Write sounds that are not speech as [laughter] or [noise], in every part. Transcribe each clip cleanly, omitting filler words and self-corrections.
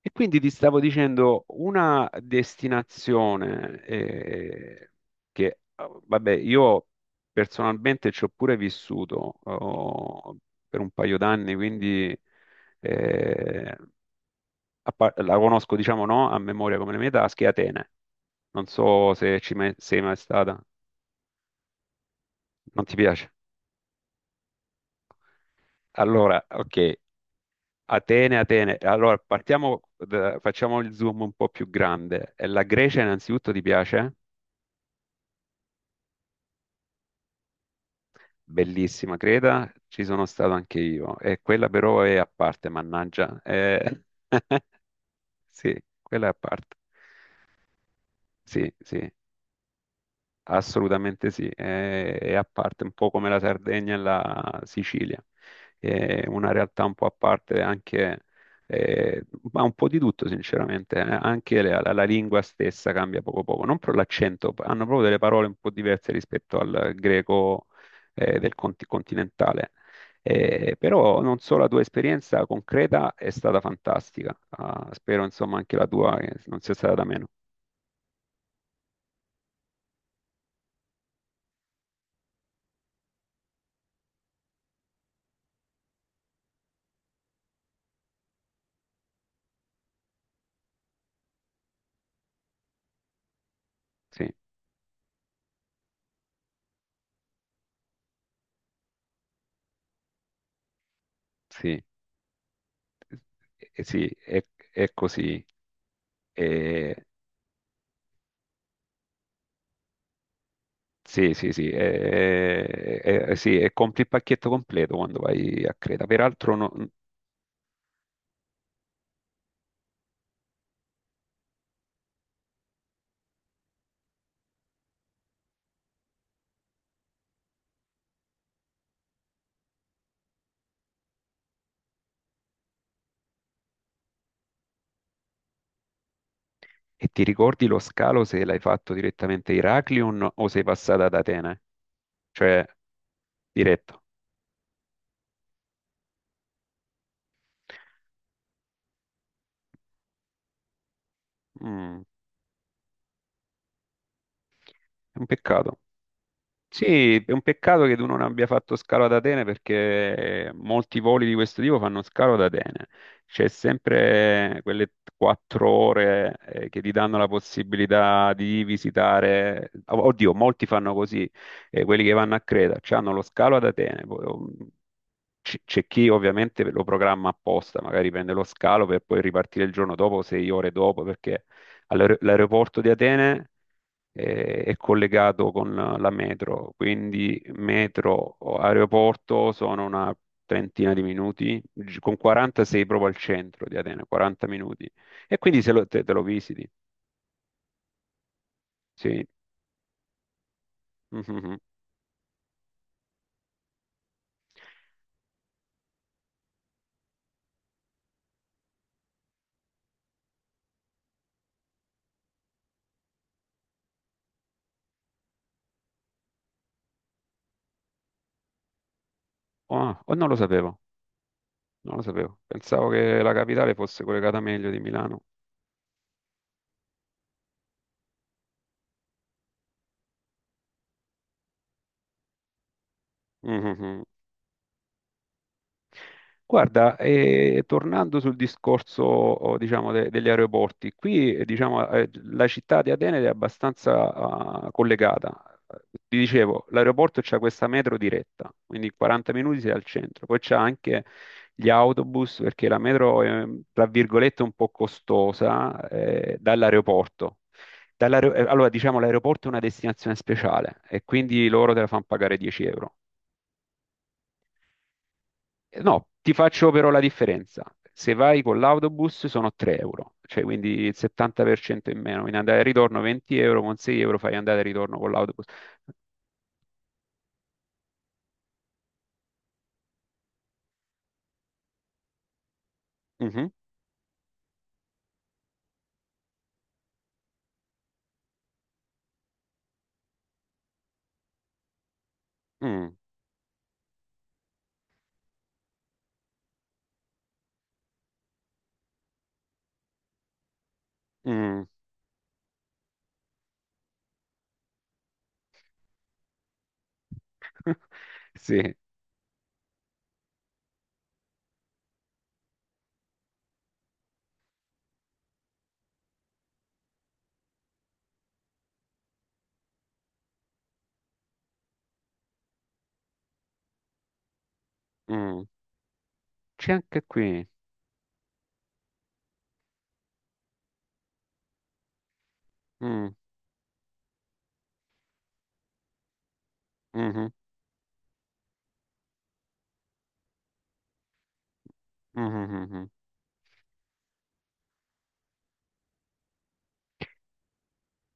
E quindi ti stavo dicendo una destinazione che, vabbè, io personalmente ci ho pure vissuto oh, per un paio d'anni, quindi eh, la conosco, diciamo, no, a memoria come le mie tasche: Atene. Non so se ci sei mai stata, non ti piace? Allora, ok, Atene, Atene. Allora, partiamo, facciamo il zoom un po' più grande. La Grecia innanzitutto ti piace? Bellissima, creda, ci sono stato anche io. E quella però è a parte, mannaggia. [laughs] Sì, quella è a parte. Sì, sì. Assolutamente sì, è a parte, un po' come la Sardegna e la Sicilia, è una realtà un po' a parte anche, eh, ma un po' di tutto sinceramente, anche la, la lingua stessa cambia poco poco, non per l'accento, hanno proprio delle parole un po' diverse rispetto al greco, del continentale. Però non so, la tua esperienza concreta è stata fantastica. Ah, spero insomma anche la tua non sia stata da meno. Sì, sì. Sì, è così. Eh, sì, sì, sì, sì, e compri il pacchetto completo quando vai a Creta. Peraltro, e ti ricordi lo scalo se l'hai fatto direttamente a Heraklion o sei passata ad Atene? Cioè, diretto. Mm, è un peccato. Sì, è un peccato che tu non abbia fatto scalo ad Atene perché molti voli di questo tipo fanno scalo ad Atene. C'è sempre quelle 4 ore che ti danno la possibilità di visitare. Oddio, molti fanno così, quelli che vanno a Creta, hanno lo scalo ad Atene. Poi, c'è chi ovviamente lo programma apposta, magari prende lo scalo per poi ripartire il giorno dopo, 6 ore dopo, perché all'aeroporto di Atene è collegato con la metro, quindi metro o aeroporto sono una trentina di minuti, con 40 sei proprio al centro di Atene, 40 minuti. E quindi se te lo visiti, sì. Mhm. Ah, oh, non lo sapevo, non lo sapevo. Pensavo che la capitale fosse collegata meglio di Milano. Mhm. Guarda, tornando sul discorso, oh, diciamo, degli aeroporti, qui, diciamo, la città di Atene è abbastanza, ah, collegata. Ti dicevo, l'aeroporto c'ha questa metro diretta, quindi in 40 minuti sei al centro. Poi c'è anche gli autobus, perché la metro è, tra virgolette, un po' costosa, dall'aeroporto. Allora, diciamo, l'aeroporto è una destinazione speciale e quindi loro te la fanno pagare 10 euro. No, ti faccio però la differenza. Se vai con l'autobus sono 3 euro, cioè quindi il 70% in meno. In andata e ritorno 20 euro, con 6 euro fai andata e ritorno con l'autobus. Mhm, mm, mm, sì, mm. C'è anche qui. Mm, mhm, mhm, mhm, mhm.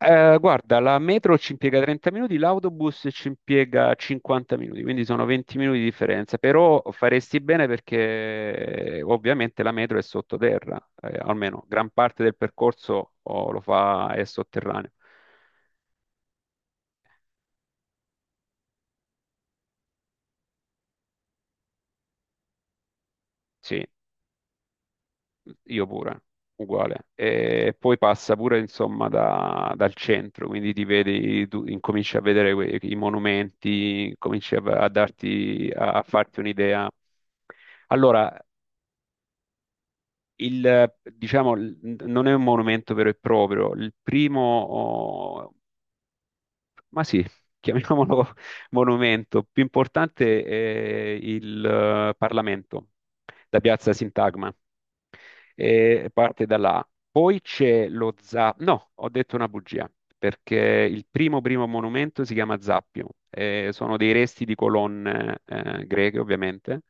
Guarda, la metro ci impiega 30 minuti, l'autobus ci impiega 50 minuti, quindi sono 20 minuti di differenza, però faresti bene perché ovviamente la metro è sottoterra, almeno gran parte del percorso oh, lo fa, è sotterraneo. Sì, io pure, uguale. E poi passa pure insomma dal centro, quindi ti vedi, tu incominci a vedere i monumenti, cominci a darti, a farti un'idea. Allora, il, diciamo, non è un monumento vero e proprio. Il primo, oh, ma sì, chiamiamolo [laughs] monumento, più importante è il Parlamento, la Piazza Sintagma, e parte da là. Poi c'è lo Zappio, no, ho detto una bugia, perché il primo primo monumento si chiama Zappio, sono dei resti di colonne greche ovviamente.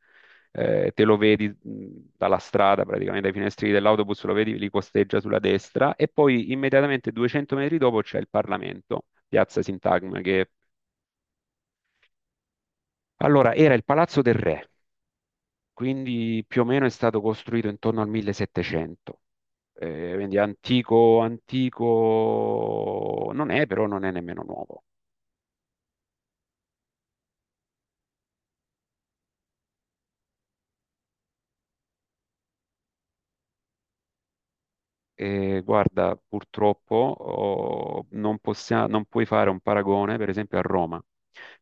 Te lo vedi dalla strada, praticamente dai finestrini dell'autobus, lo vedi, li costeggia sulla destra e poi immediatamente 200 metri dopo c'è il Parlamento, Piazza Sintagma, che allora era il Palazzo del Re, quindi più o meno è stato costruito intorno al 1700. Quindi antico, antico non è, però non è nemmeno nuovo. E guarda, purtroppo oh, non non puoi fare un paragone, per esempio, a Roma,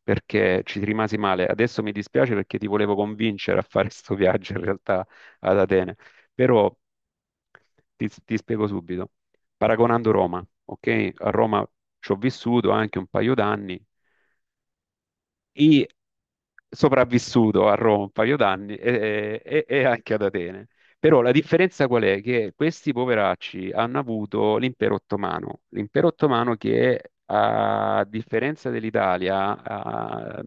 perché ci rimasi male. Adesso mi dispiace perché ti volevo convincere a fare [laughs] questo viaggio in realtà ad Atene, però ti spiego subito. Paragonando Roma, ok? A Roma ci ho vissuto anche un paio d'anni. E sopravvissuto a Roma un paio d'anni e anche ad Atene. Però la differenza qual è? Che questi poveracci hanno avuto l'impero ottomano che a differenza dell'Italia,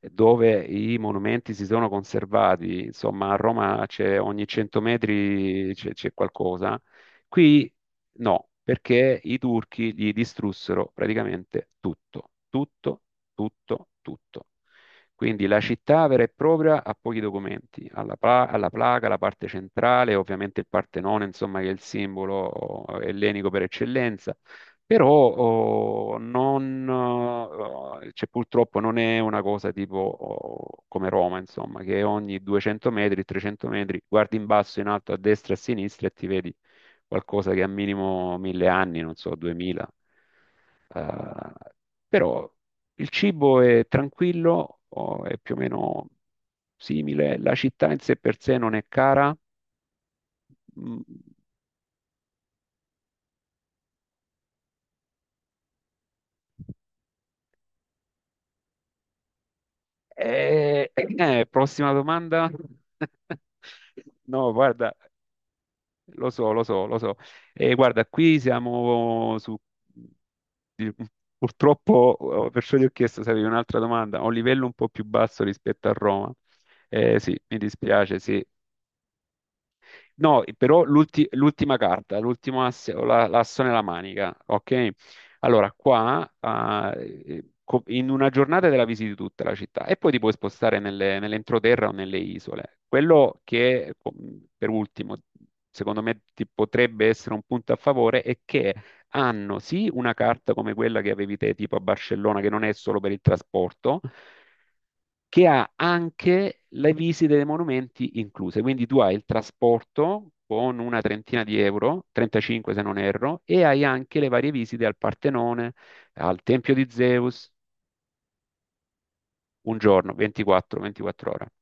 dove i monumenti si sono conservati, insomma a Roma c'è ogni 100 metri c'è qualcosa, qui no, perché i turchi gli distrussero praticamente tutto, tutto, tutto, tutto. Quindi la città vera e propria ha pochi documenti, alla placa, la parte centrale, ovviamente il Partenone, insomma, che è il simbolo ellenico per eccellenza, però oh, non, cioè, purtroppo non è una cosa tipo oh, come Roma, insomma, che ogni 200 metri, 300 metri, guardi in basso, in alto, a destra, a sinistra e ti vedi qualcosa che ha minimo mille anni, non so, 2000. Eh, però il cibo è tranquillo, o è più o meno simile, la città in sé per sé non è cara. Mm, prossima domanda. [laughs] No, guarda, lo so, lo so, lo so. Guarda, qui siamo su... di- purtroppo, perciò gli ho chiesto se avevi un'altra domanda, a un livello un po' più basso rispetto a Roma. Sì, mi dispiace, sì. No, però l'ultima carta, l'ultimo asse, o l'asso nella manica, ok? Allora, qua, ah, in una giornata te la visiti tutta la città e poi ti puoi spostare nell'entroterra o nelle isole. Quello che, per ultimo, secondo me ti potrebbe essere un punto a favore è che hanno sì una carta come quella che avevi te, tipo a Barcellona, che non è solo per il trasporto, che ha anche le visite dei monumenti incluse. Quindi tu hai il trasporto con una trentina di euro, 35 se non erro, e hai anche le varie visite al Partenone, al Tempio di Zeus, un giorno, 24, 24 ore.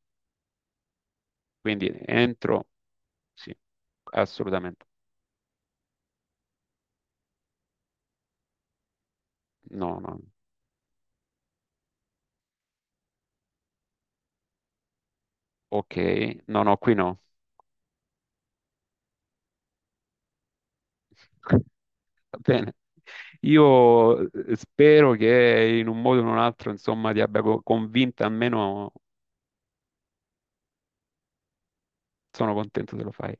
Quindi entro, sì, assolutamente. No, no, ok, no, no, qui no. [laughs] Va bene. Io spero che in un modo o in un altro, insomma, ti abbia convinta, almeno sono contento se lo fai.